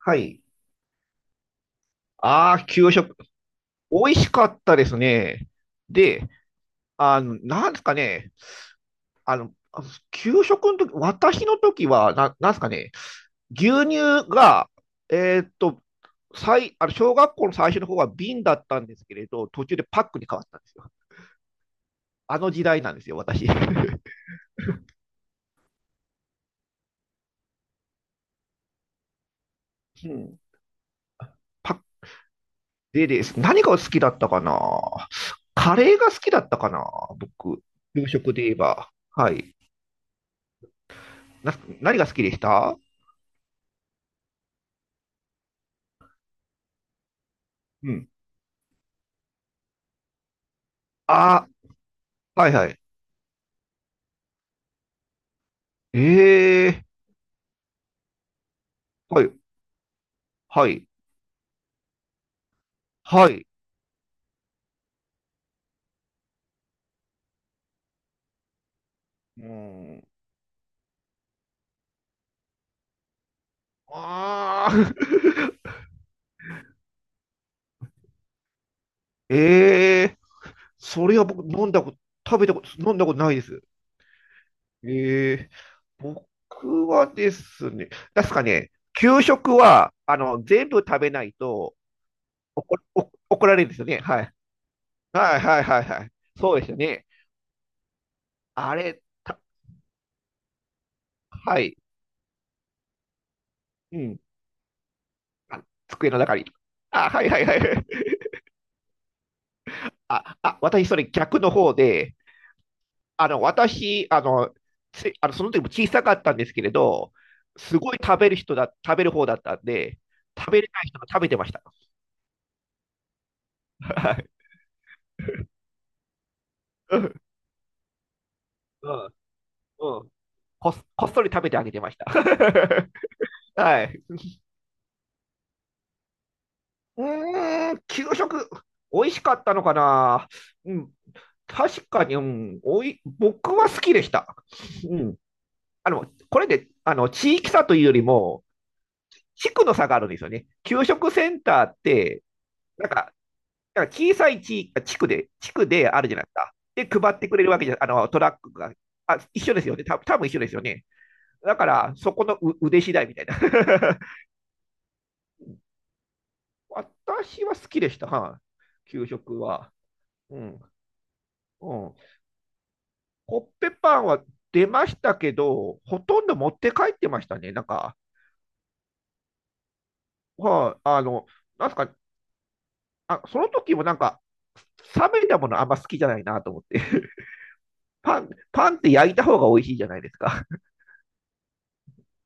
はい。ああ、給食。美味しかったですね。で、なんですかね。あの、給食の時、私の時は、なんですかね。牛乳が、えーっと、最、小学校の最初の方は瓶だったんですけれど、途中でパックに変わったんですよ。あの時代なんですよ、私。うん。パックでです。何が好きだったかな。カレーが好きだったかな、僕。給食で言えば。はい。な、何が好きでした？うん。あ、はいはい。ええ、はい、はい、はい。うん。ああ、ええ、それは僕飲んだこと、食べたこと、飲んだことないです。ええ、僕はですね、確かね、給食は、全部食べないと怒、お怒られるんですよね。はい。はいはいはいはい。そうですよね。あれ、た、はい。うん。あ、机の中に。あ、はいはいはい。あ、あ、私それ逆の方で、あの、私、あの、つあのその時も小さかったんですけれど、すごい食べる人だ、食べる方だったんで、食べれない人が食べてました。はい。うん、うん、うん。こっ、こっそり食べてあげてました。はい。うーん、給食、美味しかったのかな。うん、確かに、うん、おい、僕は好きでした。うん。これで、地域差というよりも、地区の差があるんですよね。給食センターって、なんか、だから小さい地域、地区で、地区であるじゃないですか。で、配ってくれるわけじゃ、トラックが。あ、一緒ですよね。た多分一緒ですよね。だから、そこのう腕次第みたいな。私は好きでした、はい。給食は。うん。うん。コッペパンは出ましたけど、ほとんど持って帰ってましたね。なんか、はあ、なんすか、あ、その時もなんか、冷めたものあんま好きじゃないなと思って。パン、パンって焼いた方が美味しいじゃないですか。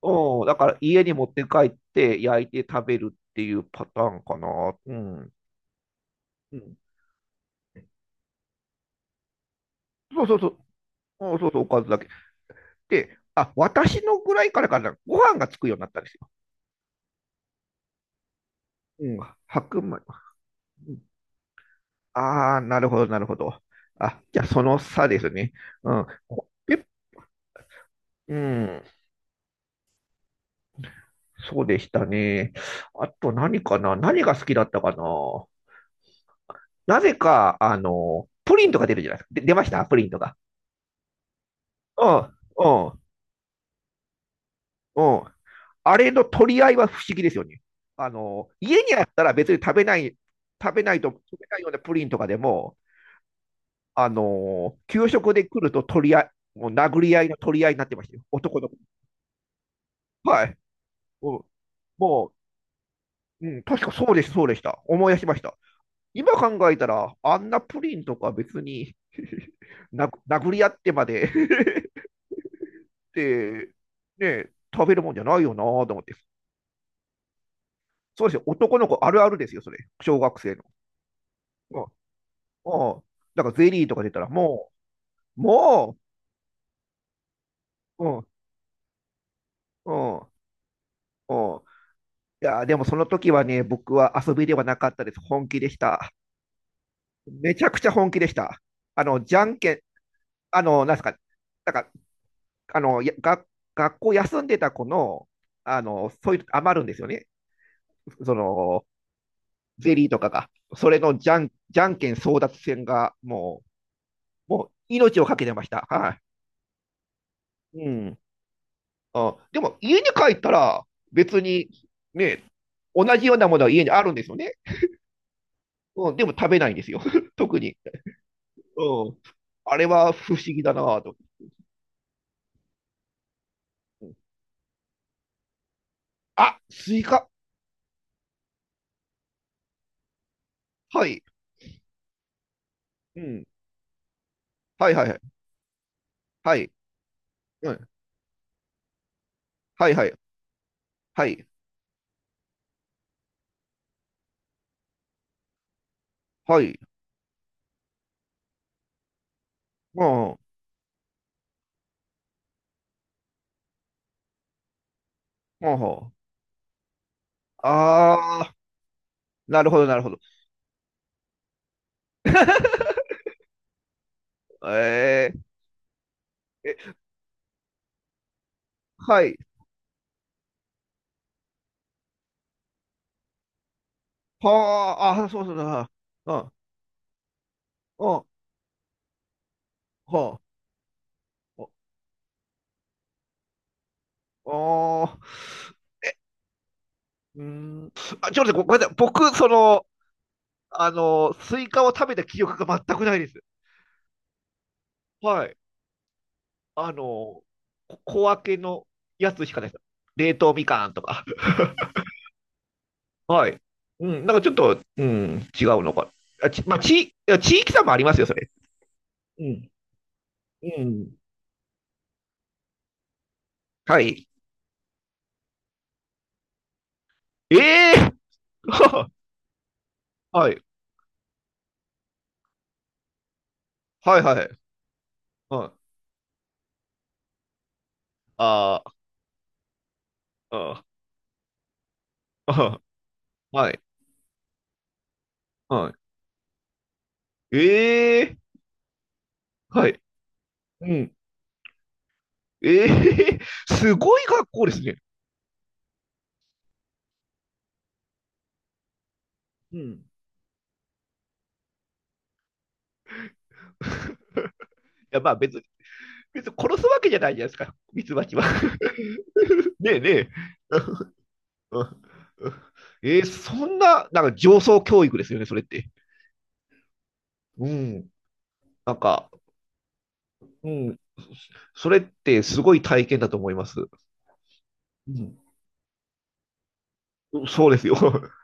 うん、だから家に持って帰って焼いて食べるっていうパターンかな。うん。うん、そうそうそう。うん、そうそう、おかずだけ。で、あ、私のぐらいからかな、ご飯がつくようになったんですよ。うん、白米。ああー、なるほど、なるほど。あ、じゃあその差ですね。うん。え、うん、そうでしたね。あと何かな、何が好きだったかな？なぜか、プリンとか出るじゃないですか。で、出ましたプリンとか。うん、うん、うん。あれの取り合いは不思議ですよね。家にあったら別に食べない、食べないと、食べないようなプリンとかでも、給食で来ると取り合い、もう殴り合いの取り合いになってましたよ。男の子。はい。もう、もう、うん、確かそうです、そうでした。思い出しました。今考えたら、あんなプリンとか別に 殴殴り合ってまで ってね、食べるもんじゃないよなと思って。そうですよ。男の子あるあるですよ、それ。小学生の。うんうん。だからゼリーとか出たら、もう、もう、うん、うん、うん。いやー、でもその時はね、僕は遊びではなかったです。本気でした。めちゃくちゃ本気でした。あの、じゃんけん、あの、なんですか、なんか、やが学校休んでた子の、そういう余るんですよね。その、ゼリーとかが。それのじゃん、じゃんけん争奪戦が、もう、もう命をかけてました。はい。うん。あ、でも家に帰ったら別にね、同じようなものは家にあるんですよね。うん、でも食べないんですよ。特に。うん。あれは不思議だなぁと。うん。あ、スイカ。はい。うん。はいはいはい。はい。うん。はいはい。はい。はい。うん。うん。ああー、なるほどなるほど。えー、え、はい。はあ、あ、そうそうだ。うん。うん。はあ。ああー。うーん。あ、ちょっと待って、ごごめんなさい。僕、その、スイカを食べた記憶が全くないです。はい。あの、こ小分けのやつしかないです。冷凍みかんとか。はい。うん、なんかちょっと、うん、違うのか。あ、ち、まあ、ち、いや地域差もありますよ、それ。うん、うん。はい。ええ、 はい。はいはい。はい。ああ、ああ、うん、 はい。はい。ええ、はい。うん。ええ、 すごい学校ですね。うん。や、まあ別に、別に殺すわけじゃないじゃないですか、ミツバチは。ねえねえ。えー、そんな、なんか上層教育ですよね、それって。うん。なんか、うん。それってすごい体験だと思います。うん。うん、そうですよ。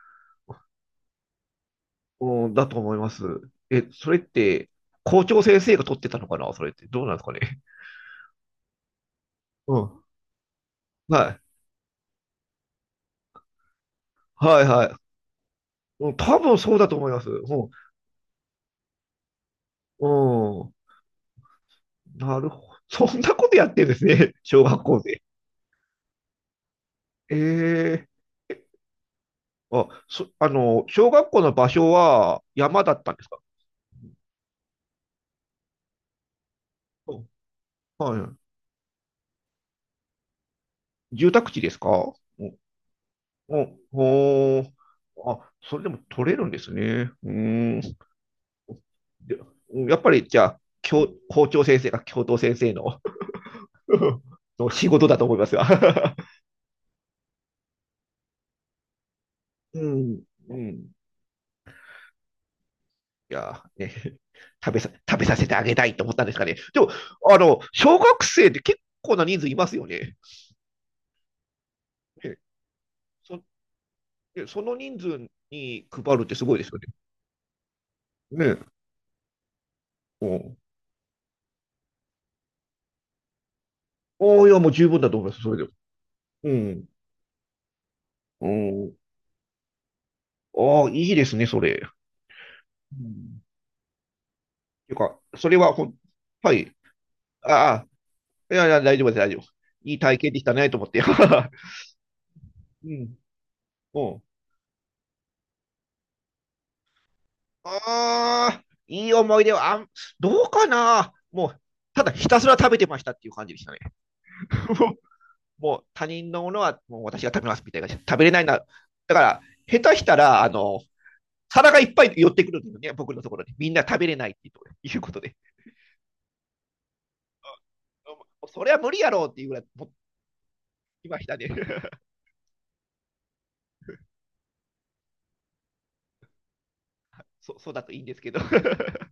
うん、だと思います。え、それって、校長先生が取ってたのかな、それって。どうなんですかね。うん。はい。はいはい。うん、多分そうだと思います。うん。うん。なるほど。そんなことやってるんですね。小学校で。ええ、あ、そ、小学校の場所は山だったんですか？うん。はい。住宅地ですか？お、お、おー、あ、それでも取れるんですね。うーん。で、やっぱり、じゃあ、教、校長先生が教頭先生の の仕事だと思いますが。うん、うん。いや、ね、食べさ、食べさせてあげたいと思ったんですかね。でも、小学生って結構な人数いますよね。ね、そ、で、その人数に配るってすごいですよね。ねえ。うん。ああ、いや、もう十分だと思います、それでも。うん。うん。ああ、いいですね、それ。うん。ていうか、それはほん、はい。ああ、いやいや、大丈夫です、大丈夫。いい体験できたね、と思って。うん。うん。ああ、いい思い出は、あん、どうかな。もう、ただひたすら食べてましたっていう感じでしたね。もう他人のものはもう私が食べますみたいな。食べれないな。だから、下手したら、皿がいっぱい寄ってくるんですよね、僕のところに。みんな食べれないっていうことで。それは無理やろうっていうぐらい、今ひたで、ね、そうそうだといいんですけど。